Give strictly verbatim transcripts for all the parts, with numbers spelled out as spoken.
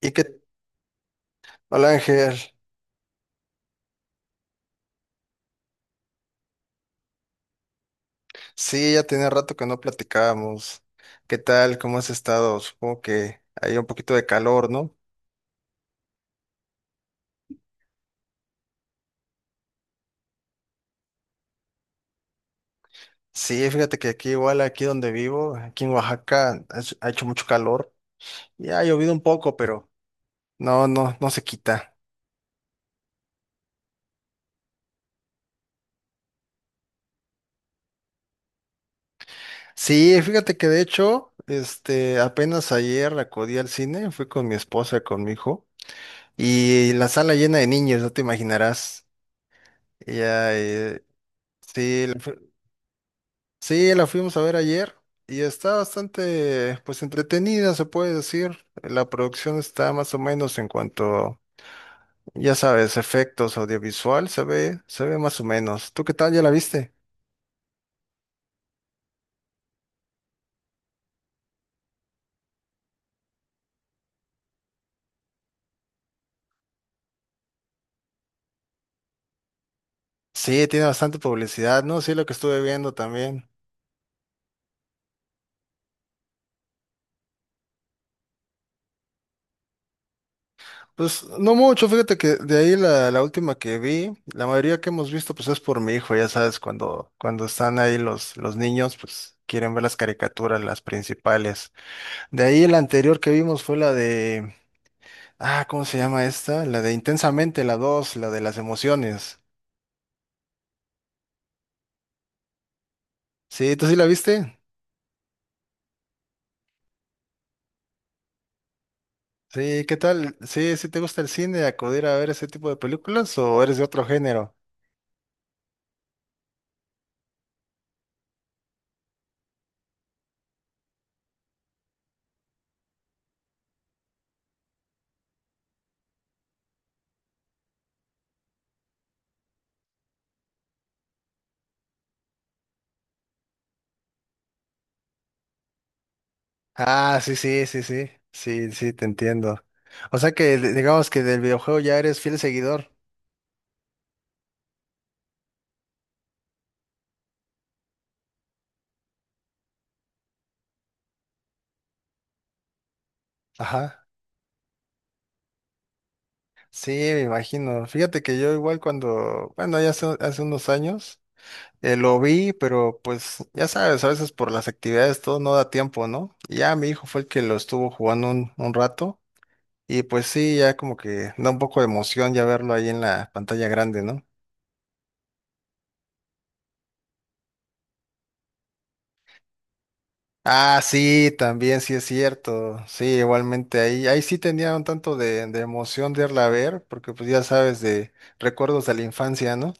¿Y qué tal, Ángel? Sí, ya tenía rato que no platicábamos. ¿Qué tal? ¿Cómo has estado? Supongo que hay un poquito de calor, ¿no? Sí, fíjate que aquí igual, aquí donde vivo, aquí en Oaxaca, ha hecho ha hecho mucho calor. Ya ha llovido un poco, pero no, no, no se quita. Sí, fíjate que de hecho, este, apenas ayer acudí al cine, fui con mi esposa, con mi hijo, y la sala llena de niños, no te imaginarás. Ya, eh, sí. Sí, la fuimos a ver ayer y está bastante, pues, entretenida, se puede decir. La producción está más o menos en cuanto, ya sabes, efectos audiovisual, se ve, se ve más o menos. ¿Tú qué tal? ¿Ya la viste? Sí, tiene bastante publicidad, ¿no? Sí, lo que estuve viendo también. Pues no mucho, fíjate que de ahí la, la última que vi, la mayoría que hemos visto pues es por mi hijo, ya sabes, cuando, cuando están ahí los, los niños, pues quieren ver las caricaturas, las principales. De ahí la anterior que vimos fue la de... Ah, ¿cómo se llama esta? La de Intensamente, la dos, la de las emociones. Sí, ¿tú sí la viste? Sí, ¿qué tal? Sí, ¿sí te gusta el cine, acudir a ver ese tipo de películas o eres de otro género? Ah, sí, sí, sí, sí. Sí, sí, te entiendo. O sea que de- digamos que del videojuego ya eres fiel seguidor. Ajá. Sí, me imagino. Fíjate que yo igual cuando, bueno, ya hace, hace unos años. Eh, lo vi, pero pues ya sabes, a veces por las actividades todo no da tiempo, ¿no? Y ya mi hijo fue el que lo estuvo jugando un, un rato y pues sí, ya como que da un poco de emoción ya verlo ahí en la pantalla grande, ¿no? Ah, sí, también sí es cierto, sí, igualmente ahí, ahí sí tenía un tanto de, de emoción de irla a ver, porque pues ya sabes, de recuerdos de la infancia, ¿no?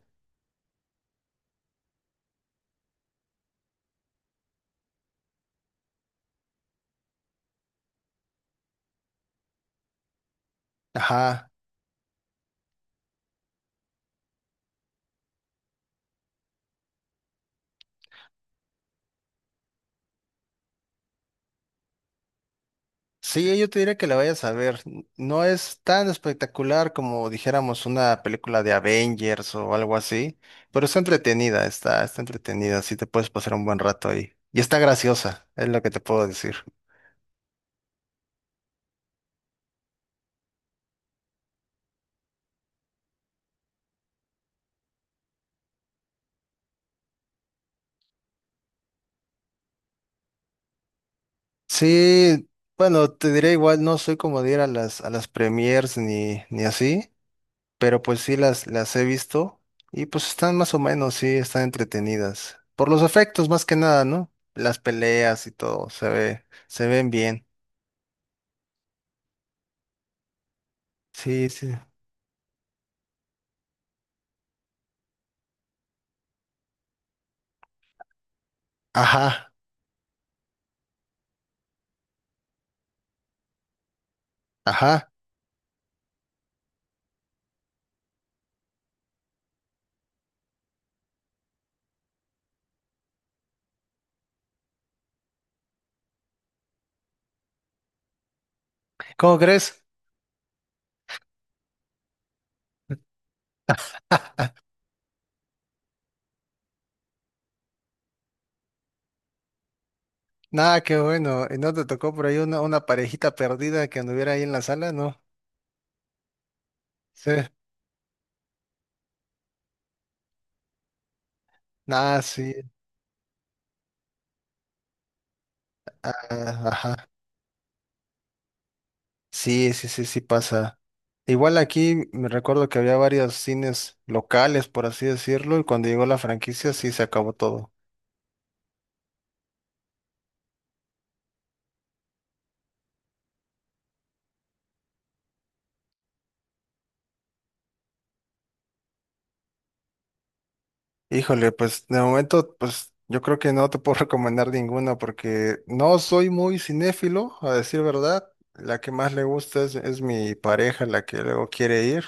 Ajá. Sí, yo te diría que la vayas a ver. No es tan espectacular como dijéramos una película de Avengers o algo así, pero está entretenida, está, está entretenida, sí te puedes pasar un buen rato ahí. Y está graciosa, es lo que te puedo decir. Sí, bueno, te diré igual, no soy como de ir a las, a las premiers ni, ni así, pero pues sí las, las he visto y pues están más o menos, sí, están entretenidas. Por los efectos más que nada, ¿no? Las peleas y todo, se ve, se ven bien. Sí, sí. Ajá, ajá. ¿Cómo crees? Nada, qué bueno. ¿Y no te tocó por ahí una, una parejita perdida que anduviera ahí en la sala? ¿No? Sí. Nada, sí. Ah, ajá. Sí, sí, sí, sí pasa. Igual aquí me recuerdo que había varios cines locales, por así decirlo, y cuando llegó la franquicia sí se acabó todo. Híjole, pues de momento, pues yo creo que no te puedo recomendar ninguna porque no soy muy cinéfilo, a decir verdad. La que más le gusta es, es mi pareja, la que luego quiere ir.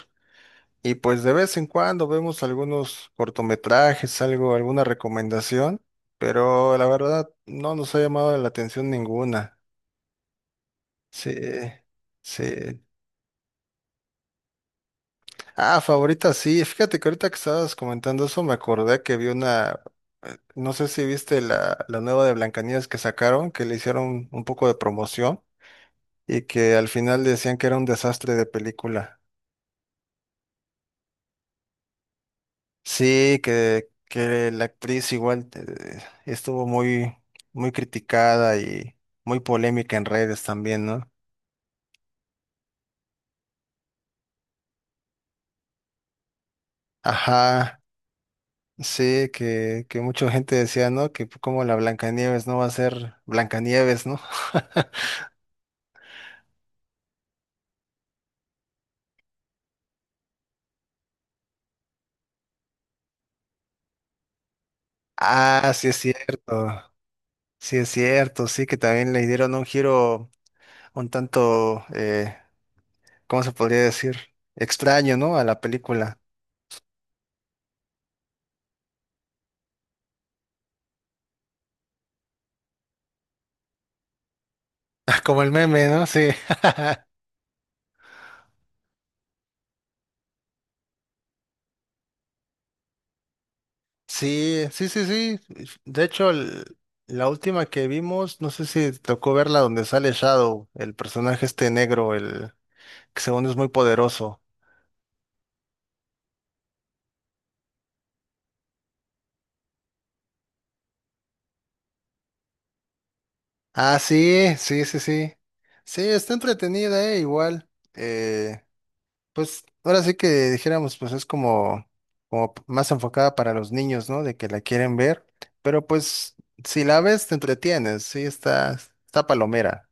Y pues de vez en cuando vemos algunos cortometrajes, algo, alguna recomendación, pero la verdad no nos ha llamado la atención ninguna. Sí, sí. Ah, favorita, sí. Fíjate que ahorita que estabas comentando eso, me acordé que vi una, eh, no sé si viste la, la nueva de Blancanieves que sacaron, que le hicieron un poco de promoción y que al final decían que era un desastre de película. Sí, que, que la actriz igual eh, estuvo muy, muy criticada y muy polémica en redes también, ¿no? Ajá, sí, que, que mucha gente decía, ¿no? Que como la Blancanieves no va a ser Blancanieves, ¿no? Ah, sí es cierto, sí es cierto, sí que también le dieron un giro un tanto, eh, ¿cómo se podría decir? Extraño, ¿no? A la película. Como el meme, ¿no? Sí. Sí, sí, sí, sí. De hecho, el- la última que vimos, no sé si te tocó verla donde sale Shadow, el personaje este negro, el que según es muy poderoso. Ah, sí, sí, sí, sí. Sí, está entretenida, eh, igual. Eh, Pues ahora sí que dijéramos, pues es como, como p- más enfocada para los niños, ¿no? De que la quieren ver, pero pues si la ves te entretienes, sí, está, está palomera.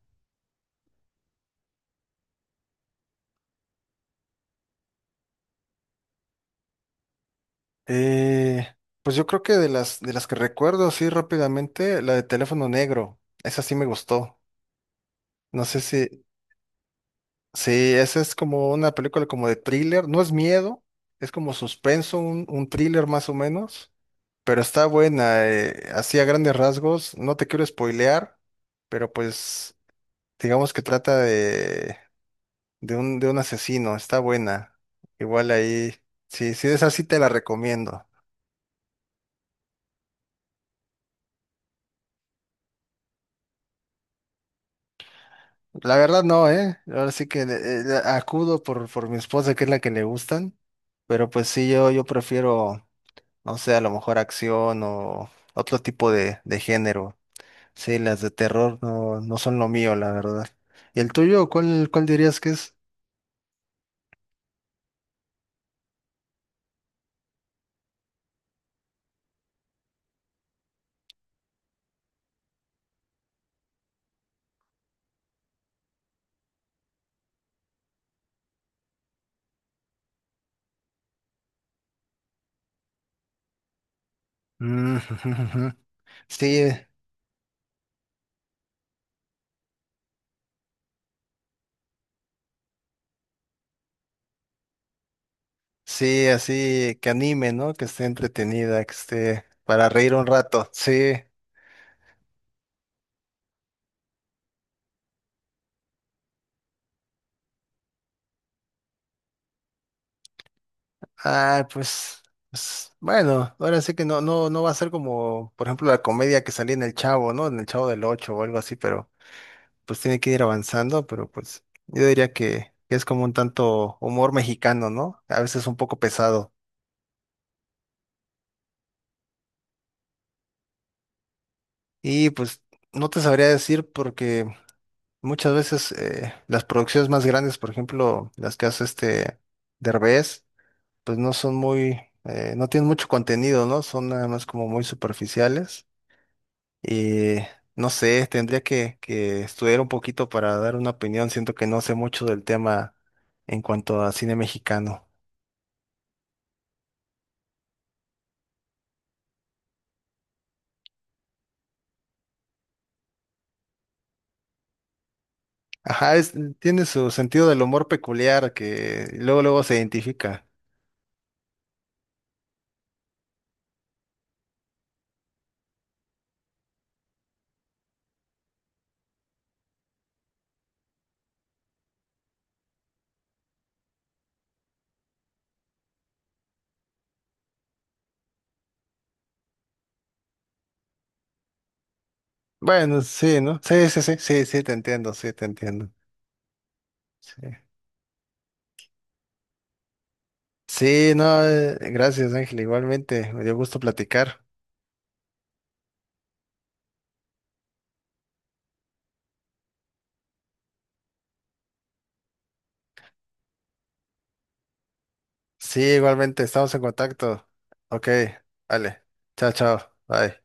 Eh, pues yo creo que de las, de las que recuerdo así rápidamente, la de Teléfono Negro, esa sí me gustó. No sé si... sí, esa es como una película como de thriller, no es miedo, es como suspenso, un, un thriller más o menos. Pero está buena, eh, así a grandes rasgos, no te quiero spoilear, pero pues digamos que trata de, de un, de un asesino, está buena. Igual ahí, sí, sí esa sí te la recomiendo. La verdad no, ¿eh? Ahora sí que eh, eh, acudo por, por mi esposa, que es la que le gustan, pero pues sí, yo, yo prefiero, no sé, a lo mejor acción o otro tipo de, de género. Sí, las de terror no, no son lo mío, la verdad. ¿Y el tuyo? ¿Cuál, cuál dirías que es? Mm, ujú, ujú. Sí, sí, así que anime, ¿no? Que esté entretenida, que esté para reír un rato. Sí. Ah, pues, pues, bueno, ahora sí que no, no, no va a ser como, por ejemplo, la comedia que salía en El Chavo, ¿no? En El Chavo del Ocho o algo así, pero pues tiene que ir avanzando, pero pues yo diría que, que es como un tanto humor mexicano, ¿no? A veces un poco pesado. Y pues no te sabría decir porque muchas veces eh, las producciones más grandes, por ejemplo, las que hace este Derbez, pues no son muy, eh, no tienen mucho contenido, ¿no? Son nada más como muy superficiales. Y no sé, tendría que, que estudiar un poquito para dar una opinión. Siento que no sé mucho del tema en cuanto a cine mexicano. Ajá, es- tiene su sentido del humor peculiar que luego luego se identifica. Bueno, sí, ¿no? Sí, sí, sí, sí, sí, te entiendo, sí, te entiendo. Sí. Sí, no, eh, gracias Ángel, igualmente, me dio gusto platicar. Sí, igualmente, estamos en contacto. Ok, vale, chao, chao, bye.